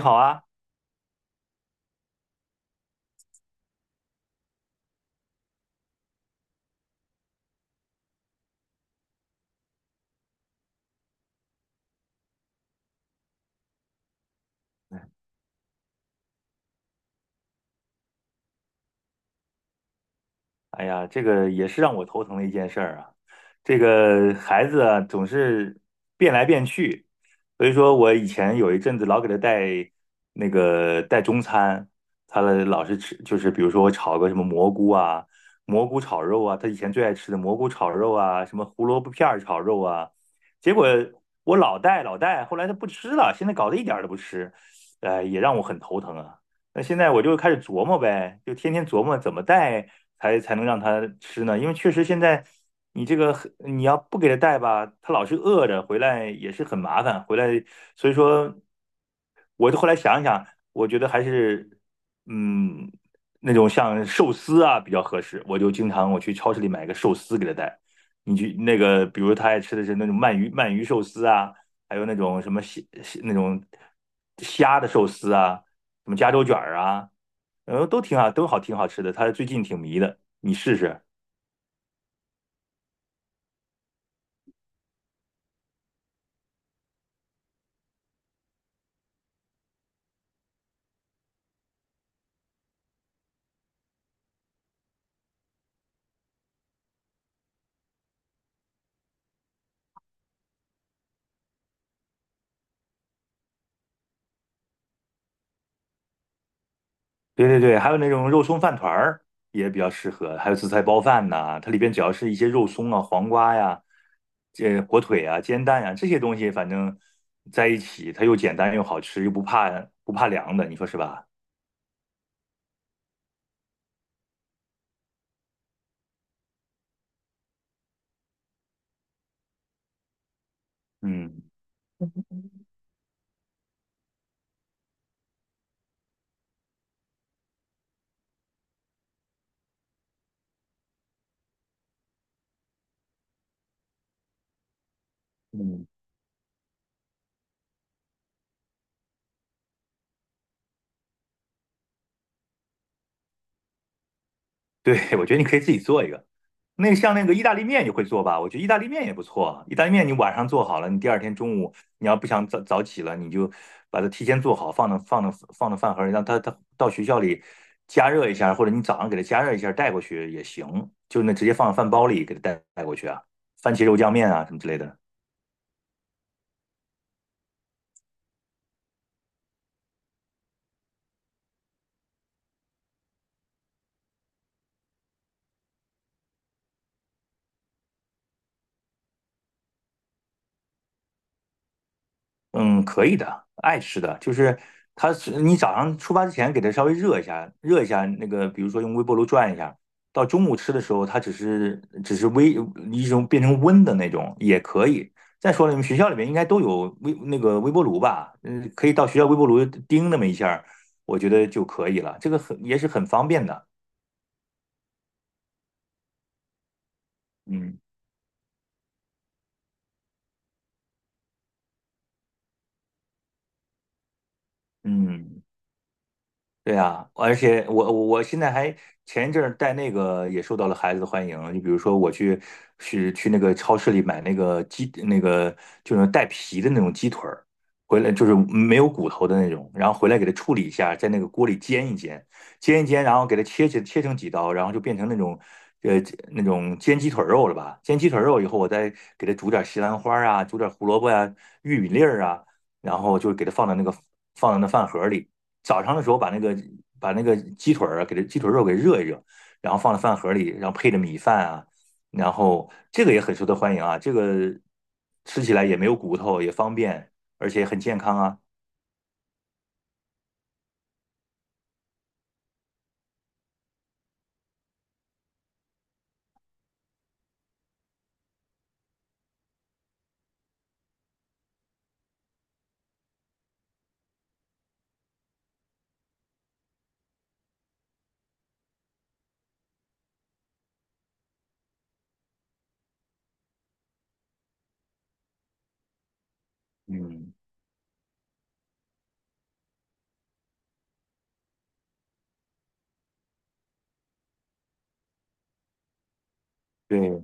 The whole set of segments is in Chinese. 你好啊。哎呀，这个也是让我头疼的一件事儿啊。这个孩子啊，总是变来变去，所以说我以前有一阵子老给他带那个带中餐，他老是吃，就是比如说我炒个什么蘑菇啊、蘑菇炒肉啊，他以前最爱吃的蘑菇炒肉啊，什么胡萝卜片儿炒肉啊，结果我老带，后来他不吃了，现在搞得一点儿都不吃，哎，也让我很头疼啊。那现在我就开始琢磨呗，就天天琢磨怎么带才能让它吃呢？因为确实现在你这个你要不给它带吧，它老是饿着，回来也是很麻烦。回来，所以说，我就后来想一想，我觉得还是嗯那种像寿司啊比较合适。我就经常我去超市里买个寿司给它带。你去那个，比如他爱吃的是那种鳗鱼寿司啊，还有那种什么虾那种虾的寿司啊。什么加州卷儿啊，都挺好，都好，挺好吃的。他最近挺迷的，你试试。对对对，还有那种肉松饭团儿也比较适合，还有紫菜包饭呐，它里边只要是一些肉松啊、黄瓜呀、这火腿啊、煎蛋呀、这些东西，反正在一起，它又简单又好吃，又不怕凉的，你说是吧？嗯嗯。对，我觉得你可以自己做一个。那个像那个意大利面，你会做吧？我觉得意大利面也不错。意大利面你晚上做好了，你第二天中午你要不想早早起了，你就把它提前做好，放到饭盒里，让它到学校里加热一下，或者你早上给它加热一下带过去也行。就那直接放到饭包里给它带过去啊，番茄肉酱面啊什么之类的。嗯，可以的，爱吃的，就是它是你早上出发之前给它稍微热一下，那个，比如说用微波炉转一下，到中午吃的时候，它只是一种变成温的那种也可以。再说了，你们学校里面应该都有微那个微波炉吧？嗯，可以到学校微波炉叮那么一下儿我觉得就可以了，这个也是很方便的。嗯嗯。对呀，而且我现在还前一阵儿带那个也受到了孩子的欢迎，就比如说我去那个超市里买那个就是带皮的那种鸡腿儿，回来就是没有骨头的那种，然后回来给它处理一下，在那个锅里煎一煎，煎一煎，然后给它切成几刀，然后就变成那种呃那种煎鸡腿肉了吧？煎鸡腿肉以后，我再给它煮点西兰花啊，煮点胡萝卜啊、玉米粒儿啊，然后就给它放到那饭盒里。早上的时候把那个鸡腿肉给热一热，然后放在饭盒里，然后配着米饭啊，然后这个也很受到欢迎啊，这个吃起来也没有骨头，也方便，而且也很健康啊。嗯，对。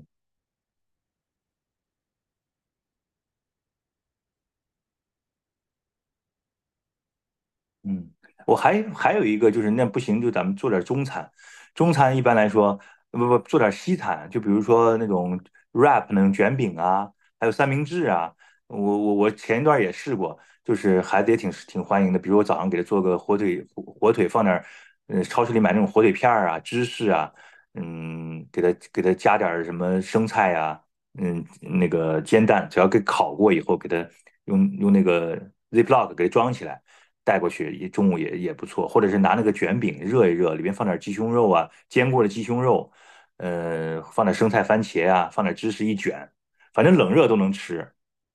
嗯，我还有一个就是，那不行，就咱们做点中餐。中餐一般来说，不不，做点西餐，就比如说那种 wrap 那种卷饼啊，还有三明治啊。我前一段也试过，就是孩子也挺欢迎的。比如我早上给他做个火腿，火腿放点儿，超市里买那种火腿片儿啊、芝士啊，嗯，给他加点儿什么生菜呀，嗯，那个煎蛋，只要给烤过以后，给它用那个 Ziploc 给它装起来。带过去，也中午也不错，或者是拿那个卷饼热一热，里面放点鸡胸肉啊，煎过的鸡胸肉，放点生菜、番茄啊，放点芝士一卷，反正冷热都能吃。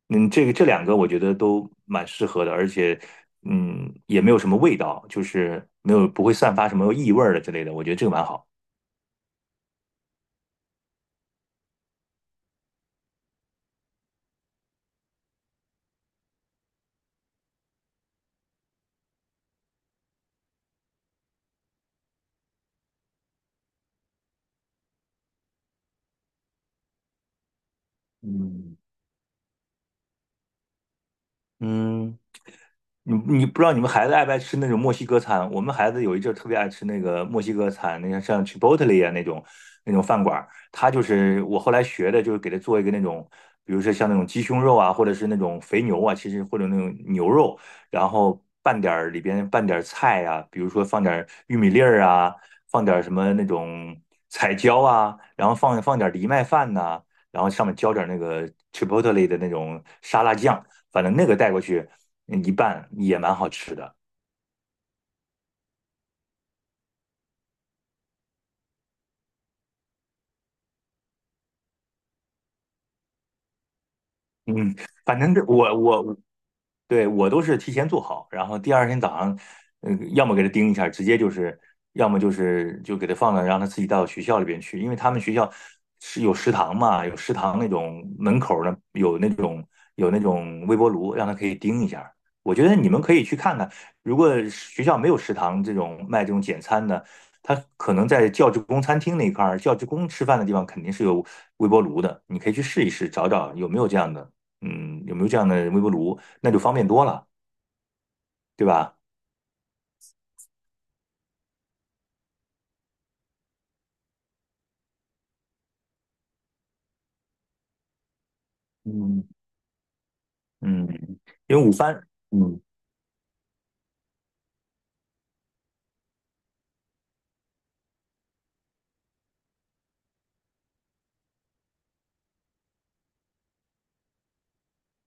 嗯，这两个我觉得都蛮适合的，而且也没有什么味道，就是没有不会散发什么异味儿的之类的，我觉得这个蛮好。嗯嗯。你不知道你们孩子爱不爱吃那种墨西哥餐？我们孩子有一阵儿特别爱吃那个墨西哥餐，那像 Chipotle 啊那种饭馆儿，他就是我后来学的，就是给他做一个那种，比如说像那种鸡胸肉啊，或者是那种肥牛啊，其实或者那种牛肉，然后拌点儿里边拌点儿菜呀、啊比如说放点儿玉米粒儿啊，放点儿什么那种彩椒啊，然后放点儿藜麦饭呐、然后上面浇点儿那个 Chipotle 的那种沙拉酱，反正那个带过去。一半也蛮好吃的。嗯，反正这我对我都是提前做好，然后第二天早上，嗯，要么给他盯一下，直接就是，要么就给他放到让他自己带到学校里边去，因为他们学校是有食堂嘛，有食堂那种门口儿呢有那种微波炉，让他可以盯一下。我觉得你们可以去看看，如果学校没有食堂这种卖这种简餐的，他可能在教职工餐厅那一块儿，教职工吃饭的地方肯定是有微波炉的，你可以去试一试，找找有没有这样的。嗯，有没有这样的微波炉，那就方便多了，对吧？嗯。嗯，因为午饭，嗯，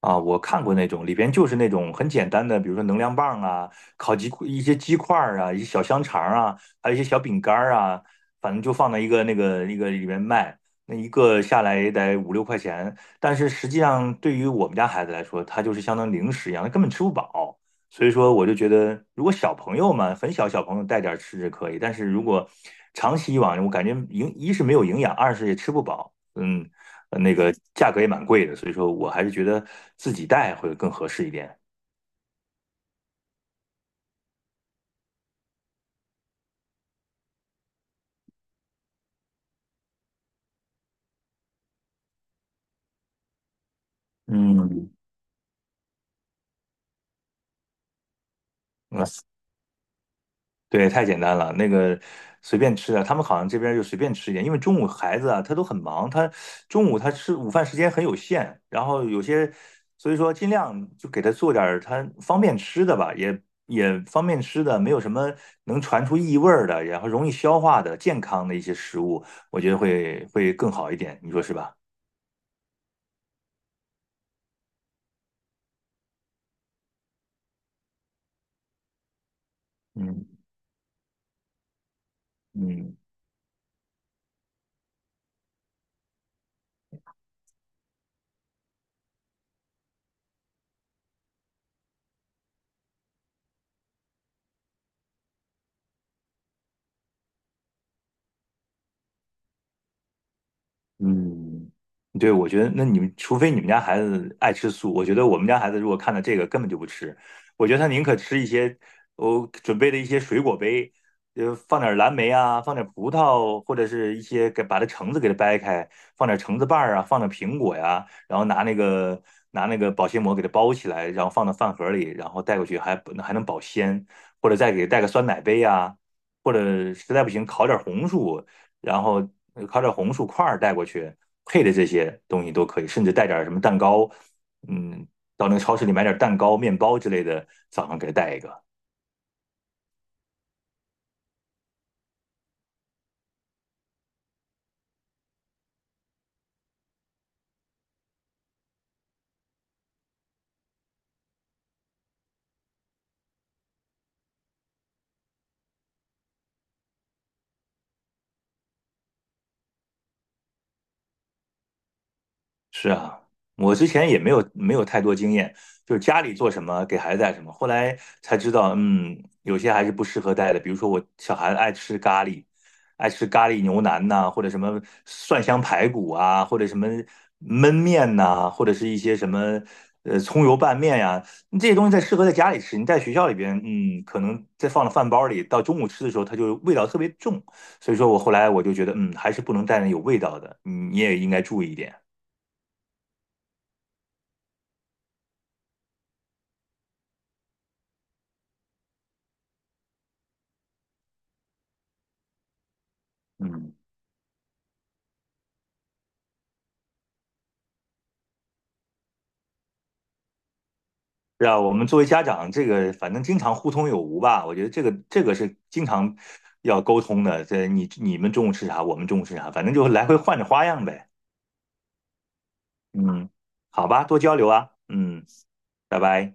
啊，我看过那种，里边就是那种很简单的，比如说能量棒啊、一些鸡块儿啊、一些小香肠儿啊，还有一些小饼干儿啊，反正就放在一个那个里面卖，那一个下来也得五六块钱。但是实际上，对于我们家孩子来说，它就是相当于零食一样，他根本吃不饱。所以说，我就觉得，如果小朋友嘛，很小小朋友带点儿吃是可以，但是如果长期以往，我感觉一是没有营养，二是也吃不饱。嗯，那个价格也蛮贵的，所以说我还是觉得自己带会更合适一点。嗯。嗯，对，太简单了，那个随便吃的，他们好像这边就随便吃一点，因为中午孩子啊，他都很忙，他中午他吃午饭时间很有限，然后有些，所以说尽量就给他做点儿他方便吃的吧，也方便吃的，没有什么能传出异味儿的，然后容易消化的健康的一些食物，我觉得会更好一点，你说是吧？嗯嗯。嗯，对，我觉得那你们除非你们家孩子爱吃素，我觉得我们家孩子如果看到这个根本就不吃，我觉得他宁可吃一些我准备的一些水果杯，放点蓝莓啊，放点葡萄，或者是一些给把它橙子给它掰开，放点橙子瓣儿啊，放点苹果呀，然后拿那个保鲜膜给它包起来，然后放到饭盒里，然后带过去还能保鲜，或者再给带个酸奶杯呀、或者实在不行烤点红薯，然后烤点红薯块带过去，配的这些东西都可以，甚至带点什么蛋糕，嗯，到那个超市里买点蛋糕、面包之类的，早上给带一个。是啊，我之前也没有太多经验，就是家里做什么给孩子带什么，后来才知道，有些还是不适合带的。比如说我小孩子爱吃咖喱，爱吃咖喱牛腩呐、或者什么蒜香排骨啊，或者什么焖面呐、或者是一些什么葱油拌面呀、你这些东西在适合在家里吃，你在学校里边，可能再放到饭包里，到中午吃的时候，它就味道特别重。所以说我后来我就觉得，还是不能带那有味道的，你也应该注意一点。嗯。是啊，我们作为家长，这个反正经常互通有无吧，我觉得这个是经常要沟通的。这你们中午吃啥，我们中午吃啥，反正就来回换着花样呗。嗯，好吧，多交流啊。嗯，拜拜。